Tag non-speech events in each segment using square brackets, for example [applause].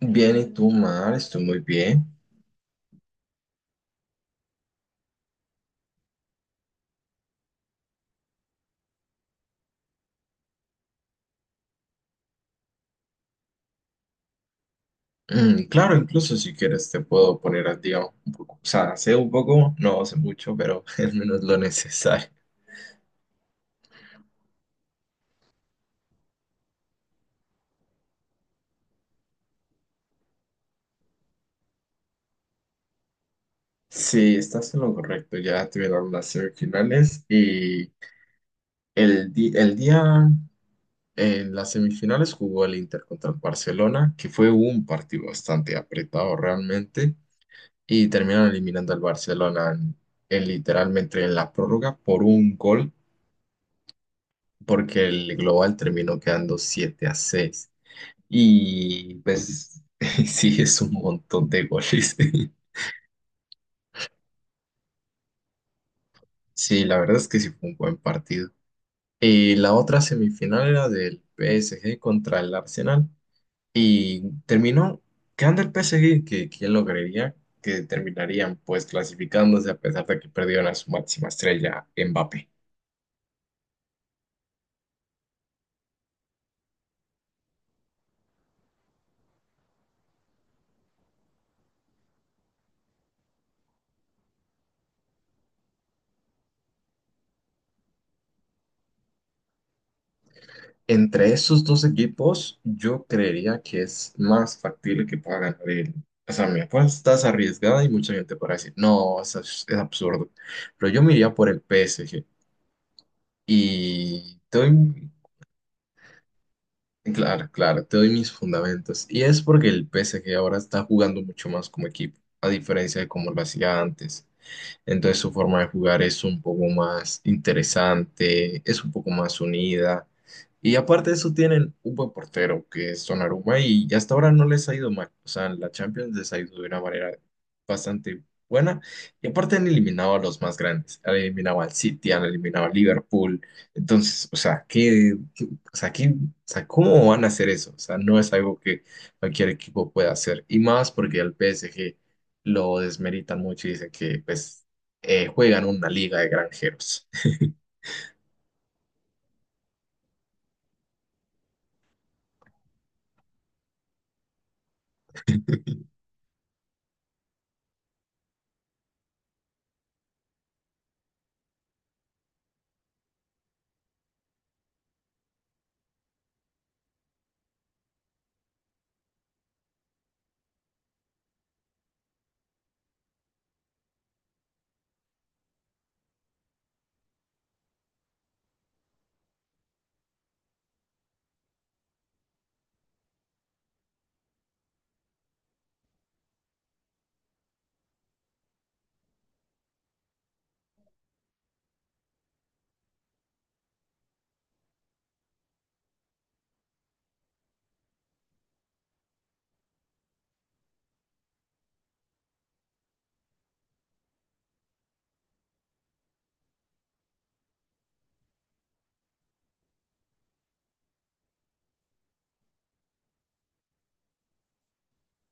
Bien, ¿y tú, Mar? Estoy muy bien. Mm, claro, incluso si quieres te puedo poner al día un poco. O sea, sé un poco, no sé mucho, pero [laughs] al menos lo necesario. Sí, estás en lo correcto. Ya tuvieron las semifinales y el día en las semifinales jugó el Inter contra el Barcelona, que fue un partido bastante apretado realmente, y terminaron eliminando al Barcelona en literalmente en la prórroga por un gol, porque el global terminó quedando 7 a seis. Y pues [laughs] sí, es un montón de goles. [laughs] Sí, la verdad es que sí fue un buen partido. Y la otra semifinal era del PSG contra el Arsenal, y terminó quedando el PSG, que quién lo creería, que terminarían pues clasificándose a pesar de que perdieron a su máxima estrella, Mbappé. Entre esos dos equipos, yo creería que es más factible que pueda ganar el. O sea, mi apuesta es arriesgada y mucha gente podrá decir, no, es, es absurdo. Pero yo me iría por el P S G. Y te doy, claro, claro, te doy mis fundamentos. Y es porque el P S G ahora está jugando mucho más como equipo, a diferencia de como lo hacía antes. Entonces su forma de jugar es un poco más interesante, es un poco más unida. Y aparte de eso tienen un buen portero que es Donnarumma y hasta ahora no les ha ido mal. O sea, en la Champions les ha ido de una manera bastante buena. Y aparte han eliminado a los más grandes. Han eliminado al City, han eliminado a Liverpool. Entonces, o sea, ¿cómo van a hacer eso? O sea, no es algo que cualquier equipo pueda hacer. Y más porque al PSG lo desmeritan mucho y dicen que pues, juegan una liga de granjeros. [laughs]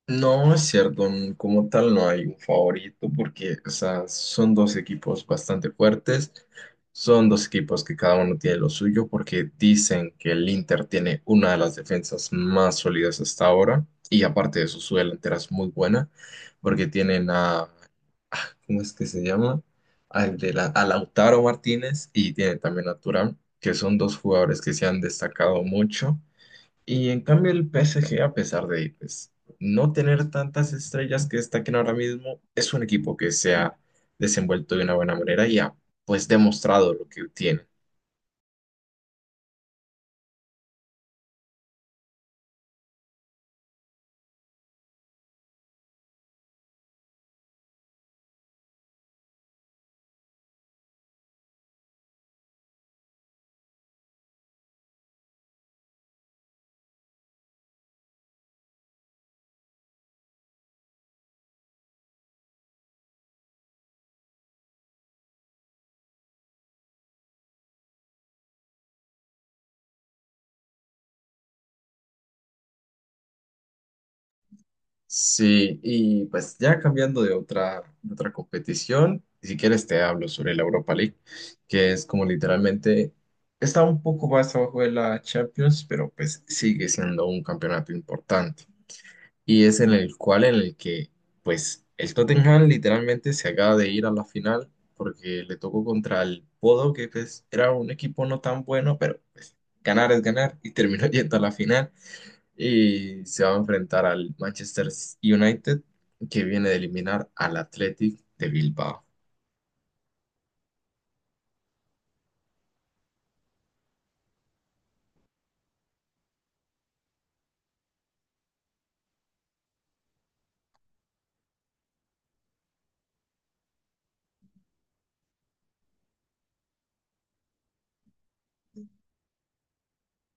No, es cierto, como tal no hay un favorito porque, o sea, son dos equipos bastante fuertes, son dos equipos que cada uno tiene lo suyo, porque dicen que el Inter tiene una de las defensas más sólidas hasta ahora y aparte de eso su delantera es muy buena, porque tienen a, ¿cómo es que se llama? A Lautaro Martínez, y tienen también a Thuram, que son dos jugadores que se han destacado mucho. Y en cambio el PSG, a pesar de pues, no tener tantas estrellas que destaquen ahora mismo, es un equipo que se ha desenvuelto de una buena manera y ha pues demostrado lo que tiene. Sí, y pues ya cambiando de otra competición, si quieres te hablo sobre la Europa League, que es como literalmente está un poco más abajo de la Champions, pero pues sigue siendo un campeonato importante. Y es en el que pues el Tottenham literalmente se acaba de ir a la final, porque le tocó contra el Bodo, que pues era un equipo no tan bueno, pero pues ganar es ganar y terminó [laughs] yendo a la final, y se va a enfrentar al Manchester United, que viene de eliminar al Athletic de Bilbao.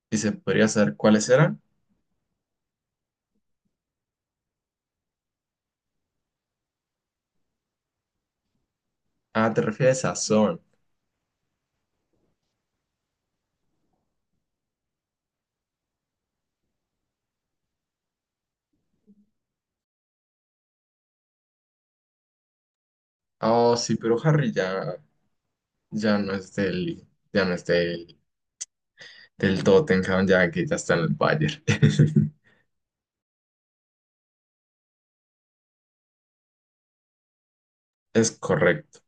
¿Y se podría saber cuáles eran? Ah, te refieres a Son. Oh, sí, pero Harry ya, ya no es del, ya no es del, del Tottenham, ya que ya está en el Bayern. [laughs] Es correcto.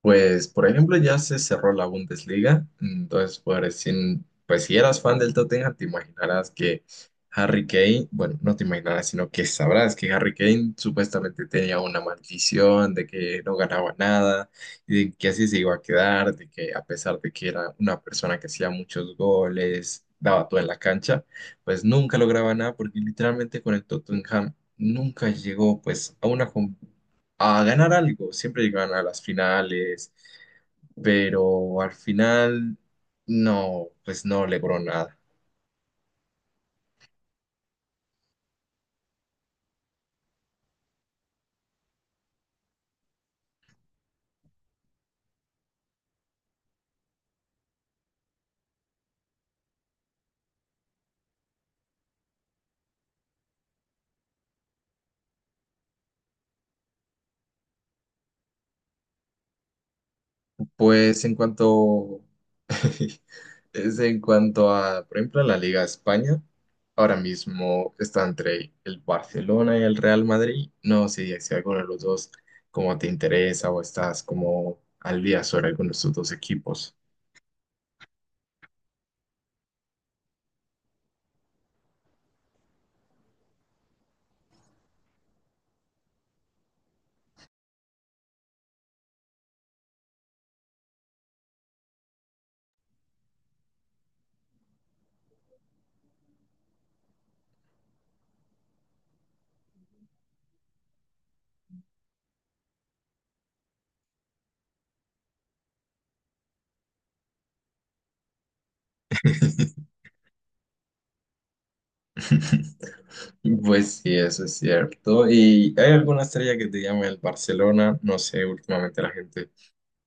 Pues, por ejemplo, ya se cerró la Bundesliga. Entonces, pues, pues, si eras fan del Tottenham, te imaginarás que Harry Kane, bueno, no te imaginarás, sino que sabrás que Harry Kane supuestamente tenía una maldición de que no ganaba nada y de que así se iba a quedar, de que a pesar de que era una persona que hacía muchos goles, daba todo en la cancha, pues nunca lograba nada, porque literalmente con el Tottenham nunca llegó pues a una, a ganar algo. Siempre llegaban a las finales, pero al final no, pues no logró nada. Pues en cuanto, [laughs] es en cuanto a, por ejemplo, a la Liga de España, ahora mismo está entre el Barcelona y el Real Madrid. No sé si alguno de los dos como te interesa o estás como al día sobre alguno de estos dos equipos. [laughs] [laughs] Pues sí, eso es cierto. ¿Y hay alguna estrella que te llame el Barcelona? No sé, últimamente la gente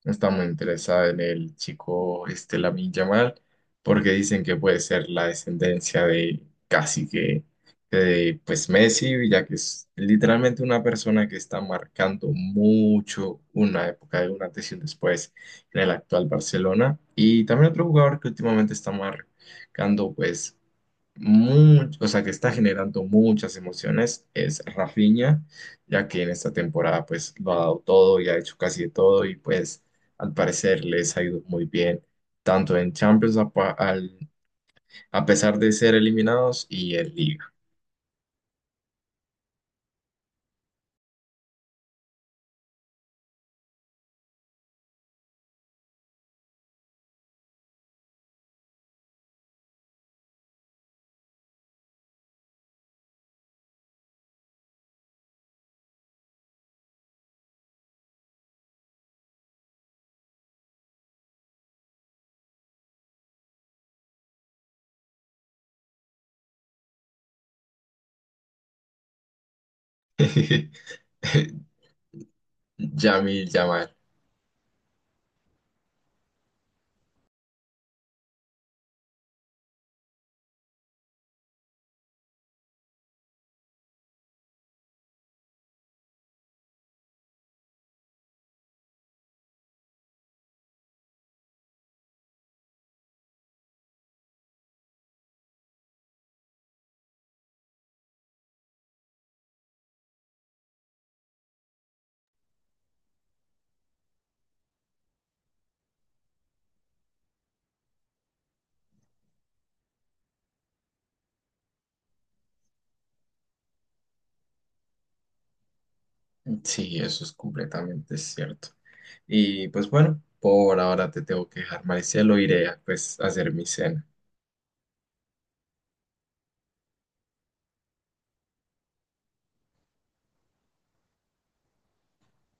está muy interesada en el chico este, Lamine Yamal, porque dicen que puede ser la descendencia de casi que de pues Messi, ya que es literalmente una persona que está marcando mucho una época, de una antes y un después en el actual Barcelona. Y también otro jugador que últimamente está marcando pues mucho, o sea, que está generando muchas emociones, es Rafinha, ya que en esta temporada pues lo ha dado todo y ha hecho casi de todo, y pues al parecer les ha ido muy bien, tanto en Champions a, a pesar de ser eliminados, y en Liga. [laughs] Yamil Yamal. Sí, eso es completamente cierto. Y pues bueno, por ahora te tengo que dejar, Maricelo, iré a, pues, a hacer mi cena.